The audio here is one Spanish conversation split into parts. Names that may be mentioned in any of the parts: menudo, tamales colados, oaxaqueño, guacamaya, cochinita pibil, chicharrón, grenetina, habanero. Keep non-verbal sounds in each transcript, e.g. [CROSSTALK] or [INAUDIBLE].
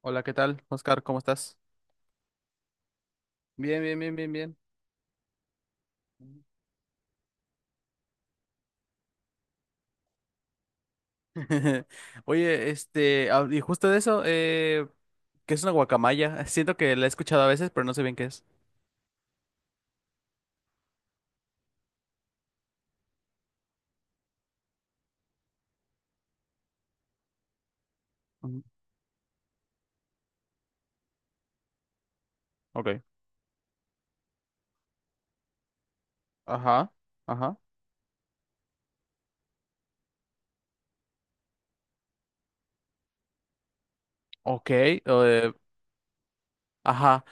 Hola, ¿qué tal, Oscar? ¿Cómo estás? Bien, bien, bien, bien, bien. [LAUGHS] Oye, y justo de eso, ¿qué es una guacamaya? [LAUGHS] Siento que la he escuchado a veces, pero no sé bien qué es. Ujú. Ok. Ajá, ajá. Ok, ajá.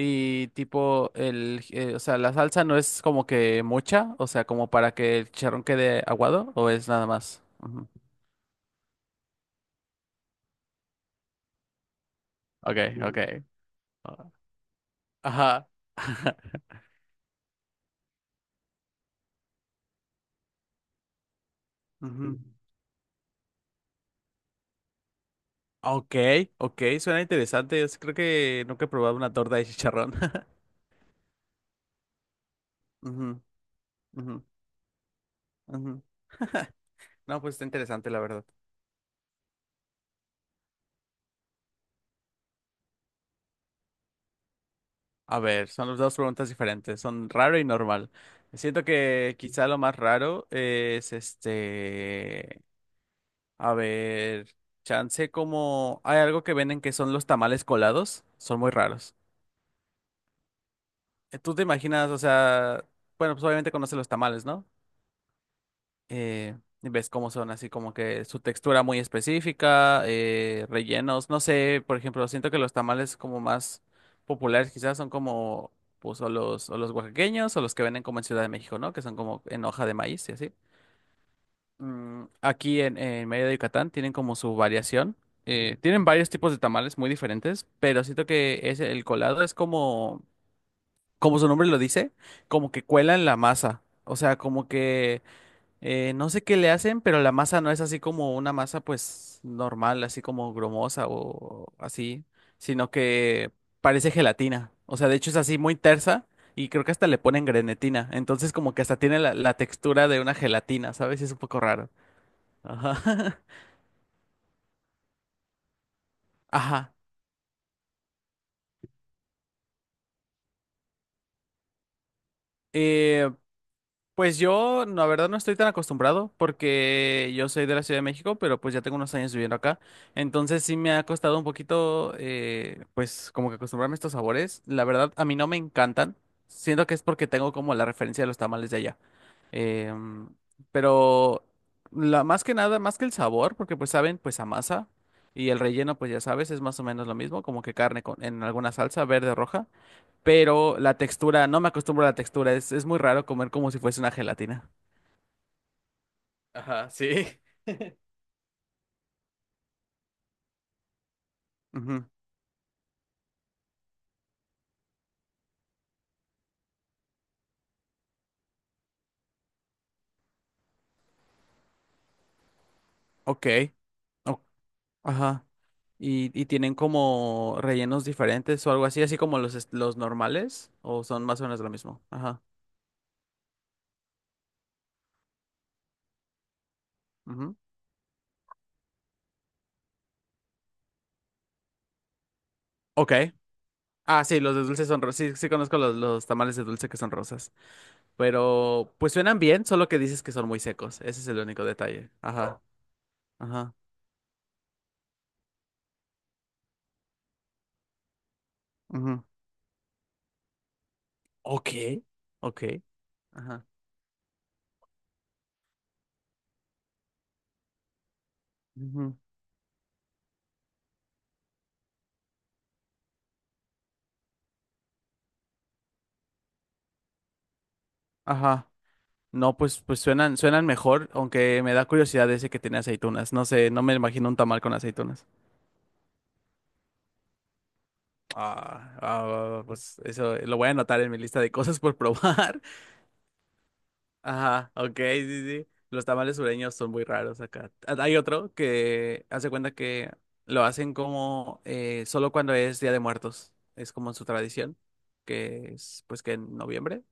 Y tipo, la salsa no es como que mucha, o sea, como para que el chicharrón quede aguado, o es nada más. Ujú. Ok, ok. Ah, ajá. [LAUGHS] Ujú. Ok, ok, suena interesante. Yo sí creo que nunca he probado una torta de chicharrón. [LAUGHS] Ujú, ujú, ujú. No, pues está interesante, la verdad. A ver, son las dos preguntas diferentes, son raro y normal. Siento que quizá lo más raro es a ver, chance como hay algo que venden que son los tamales colados, son muy raros. ¿Tú te imaginas, o sea, bueno, pues obviamente conoces los tamales, ¿no? eh, y ves cómo son así como que su textura muy específica, rellenos, no sé, por ejemplo, siento que los tamales como más populares quizás son como pues o los oaxaqueños o los que venden como en Ciudad de México, ¿no? Que son como en hoja de maíz y así. En Mérida de Yucatán tienen como su variación. Tienen varios tipos de tamales muy diferentes, pero siento que es el colado es como, como su nombre lo dice, como que cuelan la masa. O sea, como que no sé qué le hacen, pero la masa no es así como una masa pues normal, así como grumosa o así, sino que parece gelatina. O sea, de hecho es así muy tersa y creo que hasta le ponen grenetina. Entonces como que hasta tiene la textura de una gelatina, ¿sabes? Es un poco raro. Ajá. [LAUGHS] Ajá. Eh, Pues yo, la verdad, no estoy tan acostumbrado porque yo soy de la Ciudad de México, pero pues ya tengo unos años viviendo acá. Entonces sí me ha costado un poquito, pues como que acostumbrarme a estos sabores. La verdad, a mí no me encantan. Siento que es porque tengo como la referencia de los tamales de allá. Em, pero más que nada, más que el sabor, porque pues saben, pues a masa y el relleno, pues ya sabes, es más o menos lo mismo, como que carne con, en alguna salsa verde o roja pero la textura, no me acostumbro a la textura, es muy raro comer como si fuese una gelatina. Ajá, sí. Ujú, Ok, o- ajá. ¿Y tienen como rellenos diferentes o algo así, así como los normales? ¿O son más o menos lo mismo? Ajá. ujú, Ok. Ah, sí, los de dulce son rosas. Sí, sí conozco los tamales de dulce que son rosas. Pero pues suenan bien, solo que dices que son muy secos. Ese es el único detalle. Ajá. Ajá. ujú, Ok. Ok. Ajá. ujú, Ajá. No, pues suenan mejor, aunque me da curiosidad ese que tiene aceitunas. No sé, no me imagino un tamal con aceitunas. Ah, ah, pues eso lo voy a anotar en mi lista de cosas por probar. [LAUGHS] Ajá, ok, sí, sí. Los tamales sureños son muy raros acá. Ah, hay otro que hace cuenta que lo hacen como solo cuando es Día de Muertos. Es como su tradición, que es pues que en noviembre.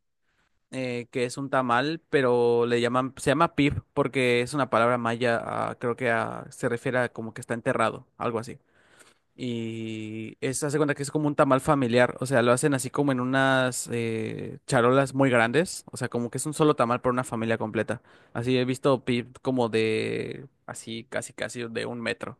Que es un tamal, pero le llaman, se llama pib porque es una palabra maya, creo que se refiere a como que está enterrado, algo así. Y es, hace cuenta que es como un tamal familiar, o sea, lo hacen así como en unas charolas muy grandes, o sea, como que es un solo tamal para una familia completa. Así he visto pib como de, así, casi, casi de un metro.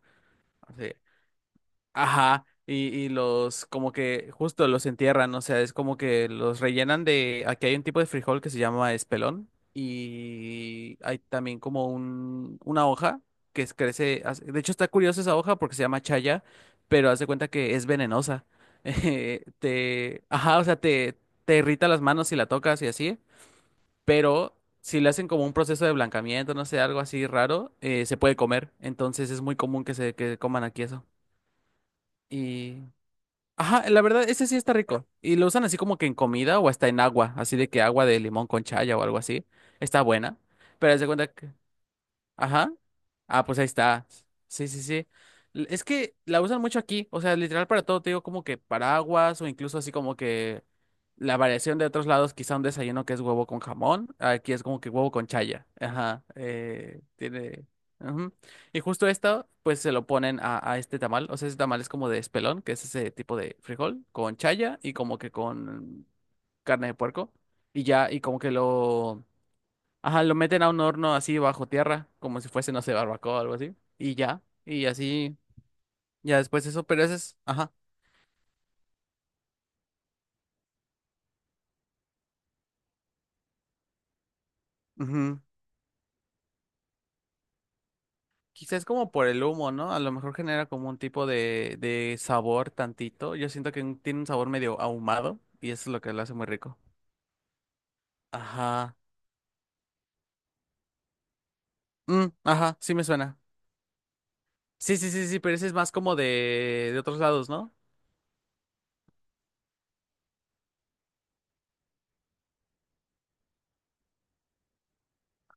Ajá, y los como que justo los entierran, o sea, es como que los rellenan de, aquí hay un tipo de frijol que se llama espelón y hay también como una hoja crece, de hecho está curiosa esa hoja porque se llama chaya, pero haz de cuenta que es venenosa. [LAUGHS] Ajá, te irrita las manos si la tocas y así, pero si le hacen como un proceso de blancamiento, no sé, algo así raro, se puede comer, entonces es muy común que se que coman aquí eso. Ajá, la verdad, ese sí está rico. Y lo usan así como que en comida o hasta en agua, así de que agua de limón con chaya o algo así. Está buena. Pero haz de cuenta que, ajá. Ah, pues ahí está. Sí, sí, sí. Es que la usan mucho aquí, o sea, literal para todo, te digo como que paraguas o incluso así como que la variación de otros lados, quizá un desayuno que es huevo con jamón, aquí es como que huevo con chaya. Ajá, tiene... ujú. Y justo esto, pues se lo ponen a este tamal, o sea, ese tamal es como de espelón, que es ese tipo de frijol, con chaya y como que con carne de puerco, y ya, y como que lo... Ajá, lo meten a un horno así bajo tierra, como si fuese, no sé, barbacoa o algo así. Y ya, y así, ya después eso, pero ese es, ajá. ujú. Quizás como por el humo, ¿no? A lo mejor genera como un tipo de sabor tantito. Yo siento que tiene un sabor medio ahumado y eso es lo que lo hace muy rico. Ajá. Mm, ajá, sí me suena. Sí, sí, sí, sí, pero ese es más como de otros lados, ¿no?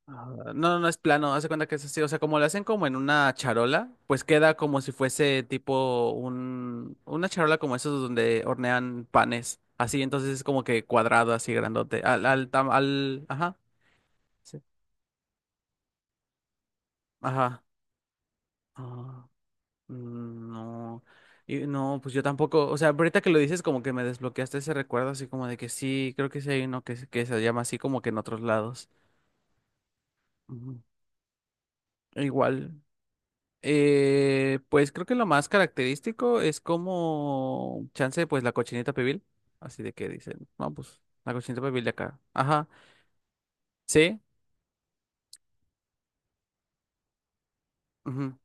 Ah, No, no, es plano, hace cuenta que es así, o sea, como lo hacen como en una charola, pues queda como si fuese tipo una charola como esos donde hornean panes, así, entonces es como que cuadrado, así grandote, ajá, sí, ajá, ah, mm, no, y no, pues yo tampoco, o sea, ahorita que lo dices como que me desbloqueaste ese recuerdo, así como de que sí, creo que sí hay uno que, que se llama así como que en otros lados, Ujú. Igual. Pues creo que lo más característico es como chance, pues la cochinita pibil. Así de que dicen, no, pues la cochinita pibil de acá. Ajá, sí, ujú,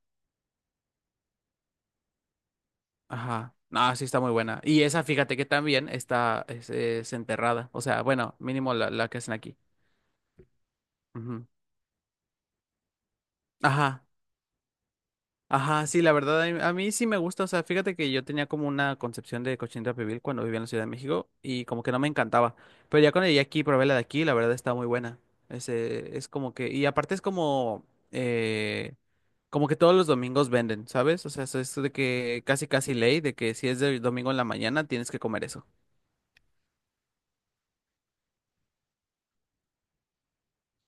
Ajá. No, sí está muy buena. Y esa, fíjate que también está es enterrada. O sea, bueno, mínimo la que hacen aquí. Ujú. Ajá. Ajá, sí, la verdad, a mí sí me gusta. O sea, fíjate que yo tenía como una concepción de cochinita pibil cuando vivía en la Ciudad de México y como que no me encantaba. Pero ya cuando llegué aquí, probé la de aquí, la verdad está muy buena. Ese, es como que, y aparte es como, eh, como que todos los domingos venden, ¿sabes? O sea, eso es de que casi casi ley, de que si es de domingo en la mañana, tienes que comer eso.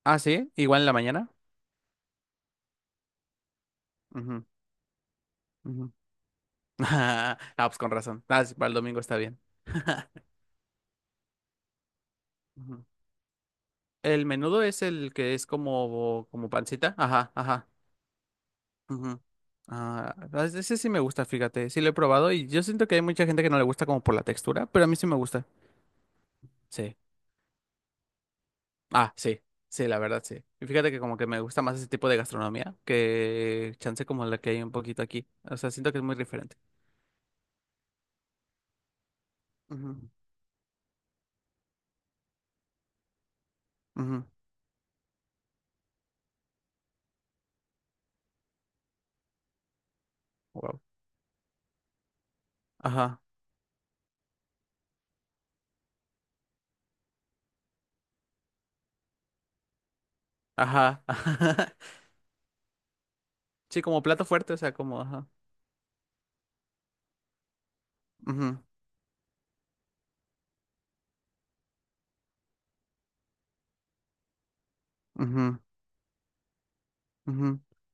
Ah, sí, igual en la mañana. Ujú, ujú. [LAUGHS] Ah, pues con razón. Ah, sí, para el domingo está bien. El menudo es el que es como, como pancita. Ajá, ajá. ujú. Ah, ah, ese sí me gusta, fíjate. Sí lo he probado y yo siento que hay mucha gente que no le gusta como por la textura, pero a mí sí me gusta. Sí. Ah, sí. Sí, la verdad, sí. Y fíjate que como que me gusta más ese tipo de gastronomía que chance como la que hay un poquito aquí. O sea, siento que es muy diferente. Ujú, ujú. Wow. Ajá, ajá. [LAUGHS] Sí, como plato fuerte, o sea, como, ajá. Ujú, ujú.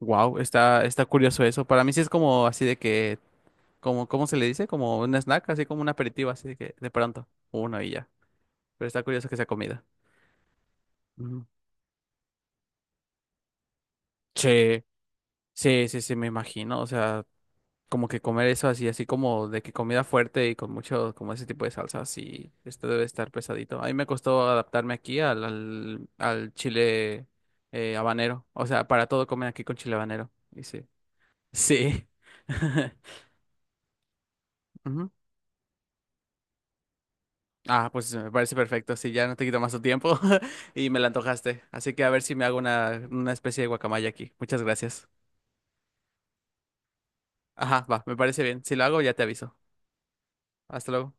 Wow, está curioso eso. Para mí sí es como así de que, como, ¿cómo se le dice? Como un snack, así como un aperitivo, así de que de pronto, uno y ya. Pero está curioso que sea comida. Ujú. Sí, sí, sí, sí, me imagino. O sea, como que comer eso así, así como de que comida fuerte y con mucho, como ese tipo de salsa, sí, esto debe estar pesadito. A mí me costó adaptarme aquí al chile habanero. O sea, para todo comen aquí con chile habanero. Y sí. Sí. [LAUGHS] Ujú. Ah, pues me parece perfecto. Sí, ya no te quito más tu tiempo [LAUGHS] y me la antojaste. Así que a ver si me hago una especie de guacamaya aquí. Muchas gracias. Ajá, va, me parece bien. Si lo hago, ya te aviso. Hasta luego.